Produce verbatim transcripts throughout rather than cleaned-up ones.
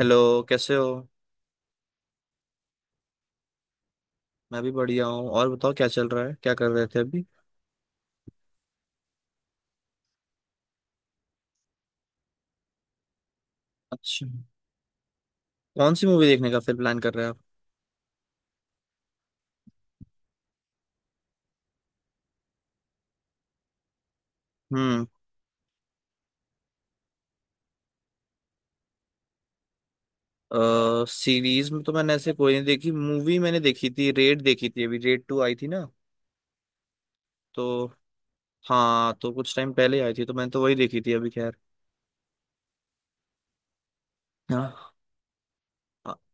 Hello, कैसे हो? मैं भी बढ़िया हूँ। और बताओ, क्या चल रहा है? क्या कर रहे थे अभी? अच्छा। कौन सी मूवी देखने का फिर प्लान कर रहे हैं आप? हम्म। सीरीज में तो मैंने ऐसे कोई नहीं देखी। मूवी मैंने देखी थी, रेड देखी थी। अभी रेड टू आई थी ना। तो हाँ, तो कुछ टाइम पहले आई थी तो मैंने तो वही देखी थी अभी। खैर। हाँ।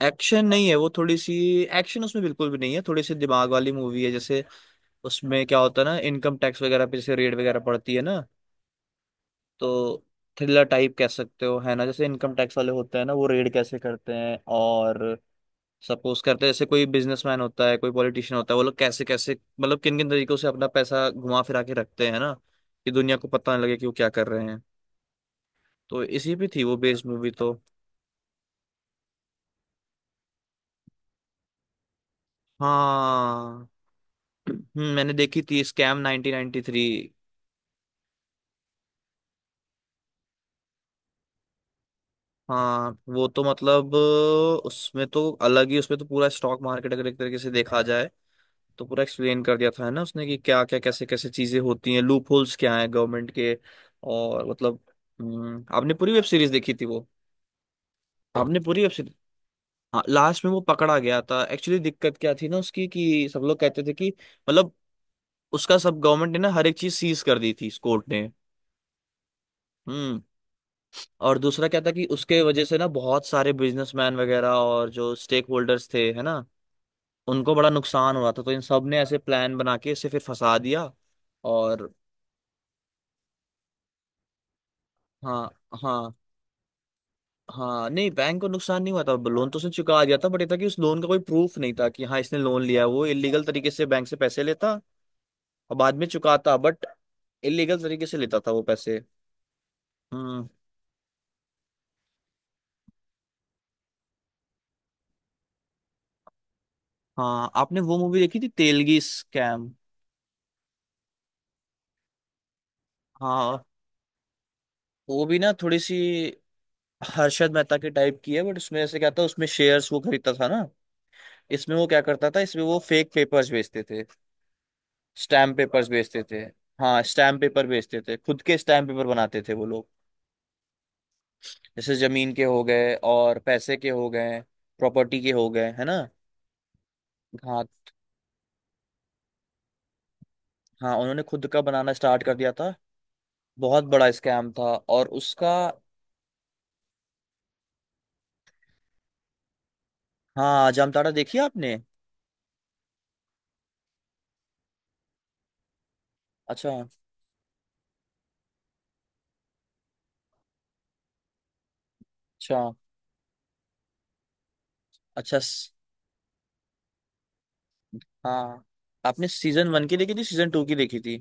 एक्शन नहीं है वो, थोड़ी सी। एक्शन उसमें बिल्कुल भी नहीं है, थोड़ी सी दिमाग वाली मूवी है जैसे। उसमें क्या होता है ना, इनकम टैक्स वगैरह पे जैसे रेड वगैरह पड़ती है ना। तो थ्रिलर टाइप कह सकते हो, है ना। जैसे इनकम टैक्स वाले होते हैं ना, वो रेड कैसे करते हैं। और सपोज करते हैं जैसे कोई बिजनेसमैन होता है, कोई पॉलिटिशियन होता है, वो लोग कैसे कैसे, मतलब किन किन तरीकों से अपना पैसा घुमा फिरा के रखते हैं ना, कि दुनिया को पता ना लगे कि वो क्या कर रहे हैं। तो इसी पे थी वो बेस्ड मूवी तो। हाँ। हम्म, मैंने देखी थी स्कैम नाइन्टीन नाइन्टी थ्री। हाँ, वो तो मतलब उसमें तो अलग ही, उसमें तो पूरा स्टॉक मार्केट अगर एक तरीके से देखा जाए तो पूरा एक्सप्लेन कर दिया था, है ना, उसने कि क्या क्या कैसे कैसे चीजें होती हैं, लूप होल्स क्या हैं गवर्नमेंट के। और मतलब। हम्म, आपने पूरी वेब सीरीज देखी थी वो? आपने पूरी वेब सीरीज? हाँ, लास्ट में वो पकड़ा गया था एक्चुअली। दिक्कत क्या थी ना उसकी, कि सब लोग कहते थे कि मतलब उसका सब गवर्नमेंट ने ना हर एक चीज सीज कर दी थी, इस कोर्ट ने। हम्म। और दूसरा क्या था, कि उसके वजह से ना बहुत सारे बिजनेसमैन वगैरह और जो स्टेक होल्डर्स थे, है ना, उनको बड़ा नुकसान हो रहा था, तो इन सब ने ऐसे प्लान बना के इसे फिर फंसा दिया। और हाँ। हाँ। हाँ, नहीं, बैंक को नुकसान नहीं हुआ था। लोन तो उसने चुका दिया था, बट ये था कि उस लोन का कोई प्रूफ नहीं था कि हाँ, इसने लोन लिया है। वो इलीगल तरीके से बैंक से पैसे लेता और बाद में चुकाता, बट इलीगल तरीके से लेता था वो पैसे। हम्म। हाँ, आपने वो मूवी देखी थी तेलगी स्कैम? हाँ, वो भी ना थोड़ी सी हर्षद मेहता के टाइप की है। बट उसमें ऐसे क्या था, उसमें शेयर्स वो खरीदता था ना। इसमें वो क्या करता था, इसमें वो फेक पेपर्स बेचते थे, स्टैम्प पेपर्स बेचते थे। हाँ, स्टैम्प पेपर बेचते थे, खुद के स्टैम्प पेपर बनाते थे वो लोग। जैसे जमीन के हो गए और पैसे के हो गए, प्रॉपर्टी के हो गए, है ना। हाँ, हाँ, उन्होंने खुद का बनाना स्टार्ट कर दिया था। बहुत बड़ा स्कैम था। और उसका हाँ, जामताड़ा देखी आपने? अच्छा। अच्छा। अच्छा। स- हाँ, आपने सीजन वन की देखी थी, सीजन टू की देखी थी?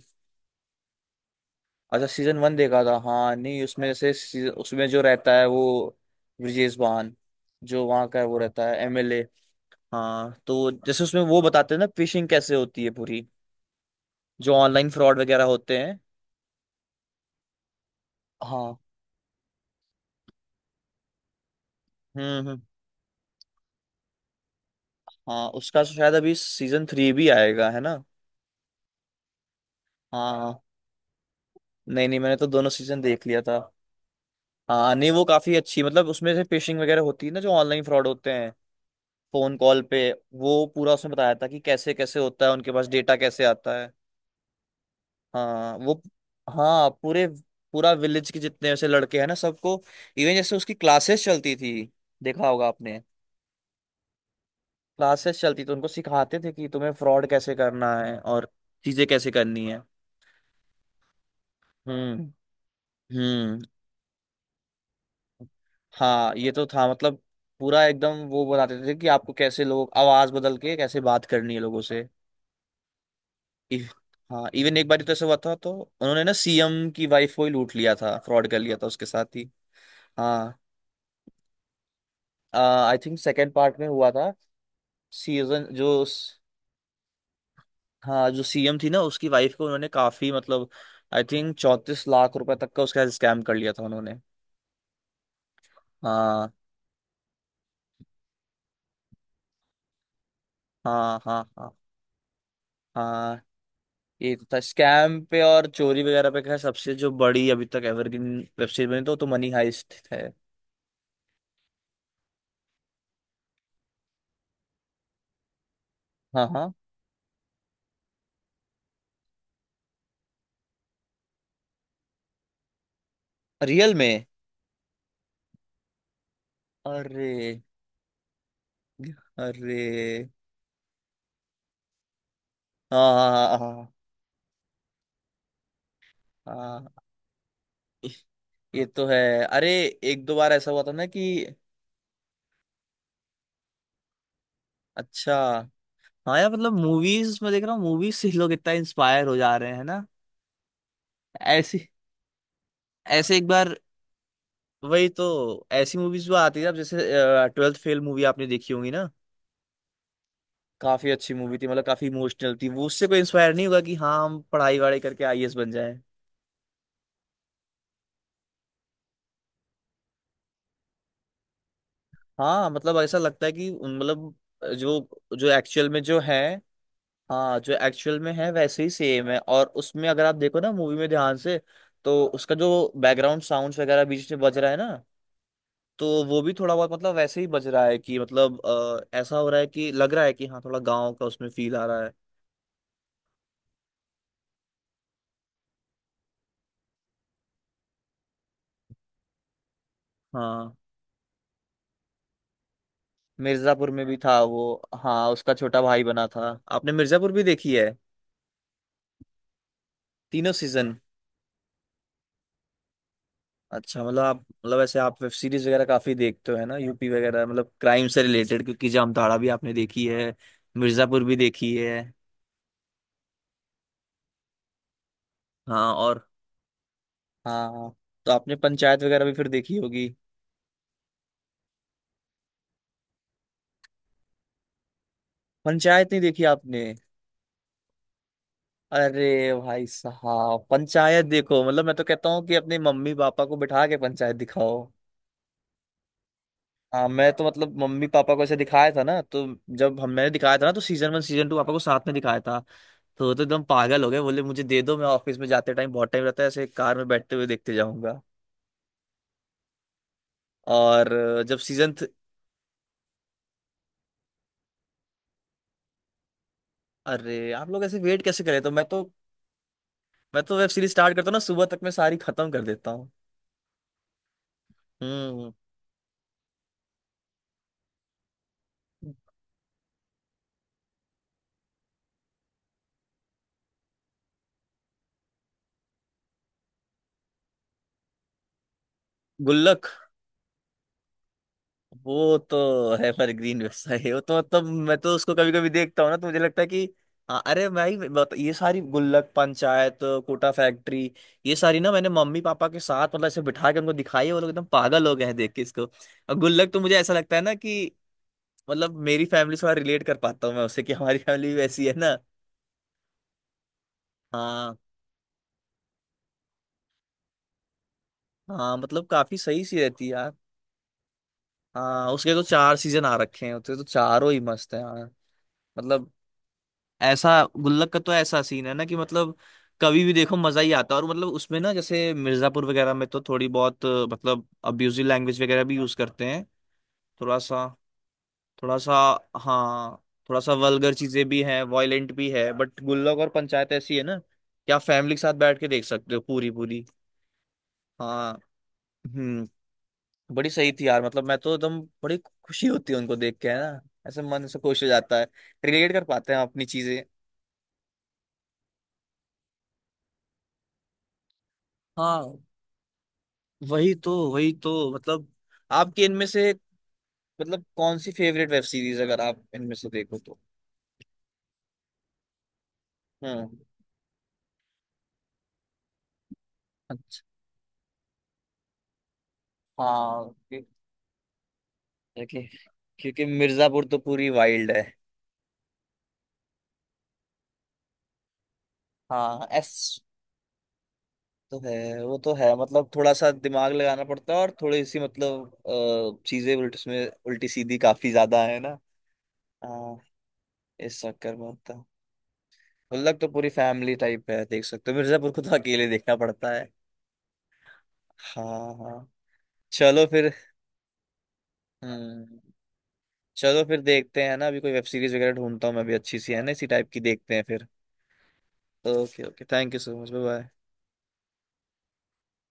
अच्छा, सीजन वन देखा था। हाँ, नहीं, उसमें जैसे सी- उसमें जो रहता है वो ब्रिजेश बान, जो वहाँ का वो रहता है, एमएलए। हाँ, तो जैसे उसमें वो बताते हैं ना फिशिंग कैसे होती है पूरी, जो ऑनलाइन फ्रॉड वगैरह होते हैं। हाँ। हम्म, हम्म। हाँ, उसका शायद अभी सीजन थ्री भी आएगा, है ना। हाँ। नहीं, नहीं, मैंने तो दोनों सीजन देख लिया था। हाँ, नहीं, वो काफी अच्छी मतलब, उसमें से फिशिंग वगैरह होती है ना, जो ऑनलाइन फ्रॉड होते हैं फोन कॉल पे। वो पूरा उसमें बताया था कि कैसे कैसे होता है, उनके पास डेटा कैसे आता है। हाँ, वो हाँ, पूरे पूरा विलेज के जितने वैसे लड़के हैं ना सबको, इवन जैसे उसकी क्लासेस चलती थी, देखा होगा आपने। क्लासेस चलती तो उनको सिखाते थे कि तुम्हें फ्रॉड कैसे करना है और चीजें कैसे करनी है। हम्म। हम्म। हाँ, ये तो था, मतलब पूरा एकदम वो बताते थे कि आपको कैसे लोग आवाज बदल के कैसे बात करनी है लोगों से। इ, हाँ, इवन एक बार तो ऐसा हुआ था, तो उन्होंने ना सीएम की वाइफ को ही लूट लिया था, फ्रॉड कर लिया था उसके साथ ही। हाँ। आई थिंक सेकेंड पार्ट में हुआ था। सीजन जो स- हाँ, जो सीएम थी ना, उसकी वाइफ को उन्होंने काफी, मतलब आई थिंक चौंतीस लाख रुपए तक का उसका स्कैम कर लिया था उन्होंने। हाँ। हाँ, हाँ, हाँ, हाँ, ये तो था स्कैम पे और चोरी वगैरह पे। क्या सबसे जो बड़ी अभी तक एवरग्रीन वेब सीरीज बनी, तो, तो मनी हाइस्ट है। हाँ। हाँ, रियल में? अरे। अरे। हाँ, हाँ, हाँ, हाँ, हाँ, हाँ। ये तो है। अरे, एक दो बार ऐसा हुआ था ना कि अच्छा हाँ यार, मतलब मूवीज में देख रहा हूँ, मूवीज से लोग इतना इंस्पायर हो जा रहे हैं ना। ऐसी ऐसे एक बार, वही तो, ऐसी मूवीज भी आती है अब जैसे ट्वेल्थ फेल मूवी आपने देखी होगी ना। काफी अच्छी मूवी थी, मतलब काफी इमोशनल थी वो। उससे कोई इंस्पायर नहीं होगा कि हाँ, हम पढ़ाई वढ़ाई करके आईएएस बन जाए। हाँ, मतलब ऐसा लगता है कि उन- मतलब जो जो एक्चुअल में जो है, हाँ, जो एक्चुअल में है वैसे ही सेम है। और उसमें अगर आप देखो ना मूवी में ध्यान से, तो उसका जो बैकग्राउंड साउंड्स वगैरह बीच में बज रहा है ना, तो वो भी थोड़ा बहुत मतलब वैसे ही बज रहा है कि, मतलब अ, ऐसा हो रहा है कि लग रहा है कि हाँ, थोड़ा गाँव का उसमें फील आ रहा है। हाँ, मिर्जापुर में भी था वो। हाँ, उसका छोटा भाई बना था। आपने मिर्जापुर भी देखी है? तीनों सीजन? अच्छा, मतलब आप, मतलब ऐसे आप वेब सीरीज वगैरह काफी देखते हो, है ना, यूपी वगैरह, मतलब क्राइम से रिलेटेड, क्योंकि जामताड़ा भी आपने देखी है, मिर्जापुर भी देखी है। हाँ, और हाँ, हाँ। तो आपने पंचायत वगैरह भी फिर देखी होगी। पंचायत नहीं देखी आपने? अरे भाई साहब, पंचायत देखो, मतलब मैं तो कहता हूँ कि अपने मम्मी पापा को बिठा के पंचायत दिखाओ। हाँ, मैं तो मतलब मम्मी पापा को ऐसे दिखाया था ना, तो जब हम मैंने दिखाया था ना, तो सीजन वन, सीजन टू पापा को साथ में दिखाया था। तो वो तो एकदम पागल हो गए, बोले मुझे दे दो, मैं ऑफिस में जाते टाइम बहुत टाइम रहता है, ऐसे कार में बैठते हुए देखते जाऊंगा। और अ, जब सीजन थ... अरे आप लोग ऐसे वेट कैसे करें? तो, मैं तो मैं तो वेब सीरीज स्टार्ट करता हूँ ना, सुबह तक मैं सारी खत्म कर देता हूँ। हम्म। गुल्लक वो तो है, पर ग्रीन वेबसाइट है वो तो, मतलब मैं तो उसको कभी कभी देखता हूँ ना, तो मुझे लगता है कि हाँ, अरे भाई बता, ये सारी गुल्लक, पंचायत, कोटा फैक्ट्री, ये सारी ना मैंने मम्मी पापा के साथ मतलब ऐसे बिठा के उनको दिखाई है, वो लोग एकदम पागल हो गए हैं देख के इसको। और गुल्लक तो मुझे ऐसा लगता है ना कि, मतलब मेरी फैमिली से थोड़ा रिलेट कर पाता हूँ मैं उससे, कि हमारी फैमिली भी वैसी है ना। हाँ, हाँ, मतलब काफी सही सी रहती है यार। हाँ, उसके तो चार सीजन आ रखे हैं, उसके तो चारों ही मस्त है यार। मतलब ऐसा गुल्लक का तो ऐसा सीन है ना कि, मतलब कभी भी देखो मजा ही आता है। और मतलब उसमें ना, जैसे मिर्जापुर वगैरह में तो थोड़ी बहुत अ, मतलब अब्यूजिव लैंग्वेज वगैरह भी यूज करते हैं, थोड़ा सा, थोड़ा सा। हाँ, थोड़ा सा वल्गर चीजें भी हैं, वायलेंट भी है। बट गुल्लक और पंचायत ऐसी है ना कि आप फैमिली के साथ बैठ के देख सकते हो पूरी पूरी। हाँ। हम्म। बड़ी सही थी यार, मतलब मैं तो एकदम, बड़ी खुशी होती है उनको देख के, है ना। ऐसे मन से खुश हो जाता है, रिलेट कर पाते हैं हम अपनी चीजें। हाँ, वही तो, वही तो मतलब आपकी इनमें से, मतलब कौन सी फेवरेट वेब सीरीज अगर आप इनमें से देखो तो? हम्म। अच्छा। हाँ, क्यों- क्योंकि, क्योंकि मिर्जापुर तो पूरी वाइल्ड है। हाँ, एस तो है, वो तो है, मतलब थोड़ा सा दिमाग लगाना पड़ता है और थोड़ी सी मतलब अ, चीजें उल्ट उसमें उल्टी सीधी काफी ज्यादा है ना। हाँ, इस चक्कर में होता है। गुल्लक तो पूरी फैमिली टाइप है, देख सकते हो। मिर्जापुर को तो अकेले देखना पड़ता है। हाँ, हाँ। चलो फिर। हम्म। चलो फिर देखते हैं ना, अभी कोई वेब सीरीज वगैरह ढूंढता हूँ मैं भी अच्छी सी, है ना, इसी टाइप की देखते हैं फिर। Okay, okay, thank you so much, bye bye.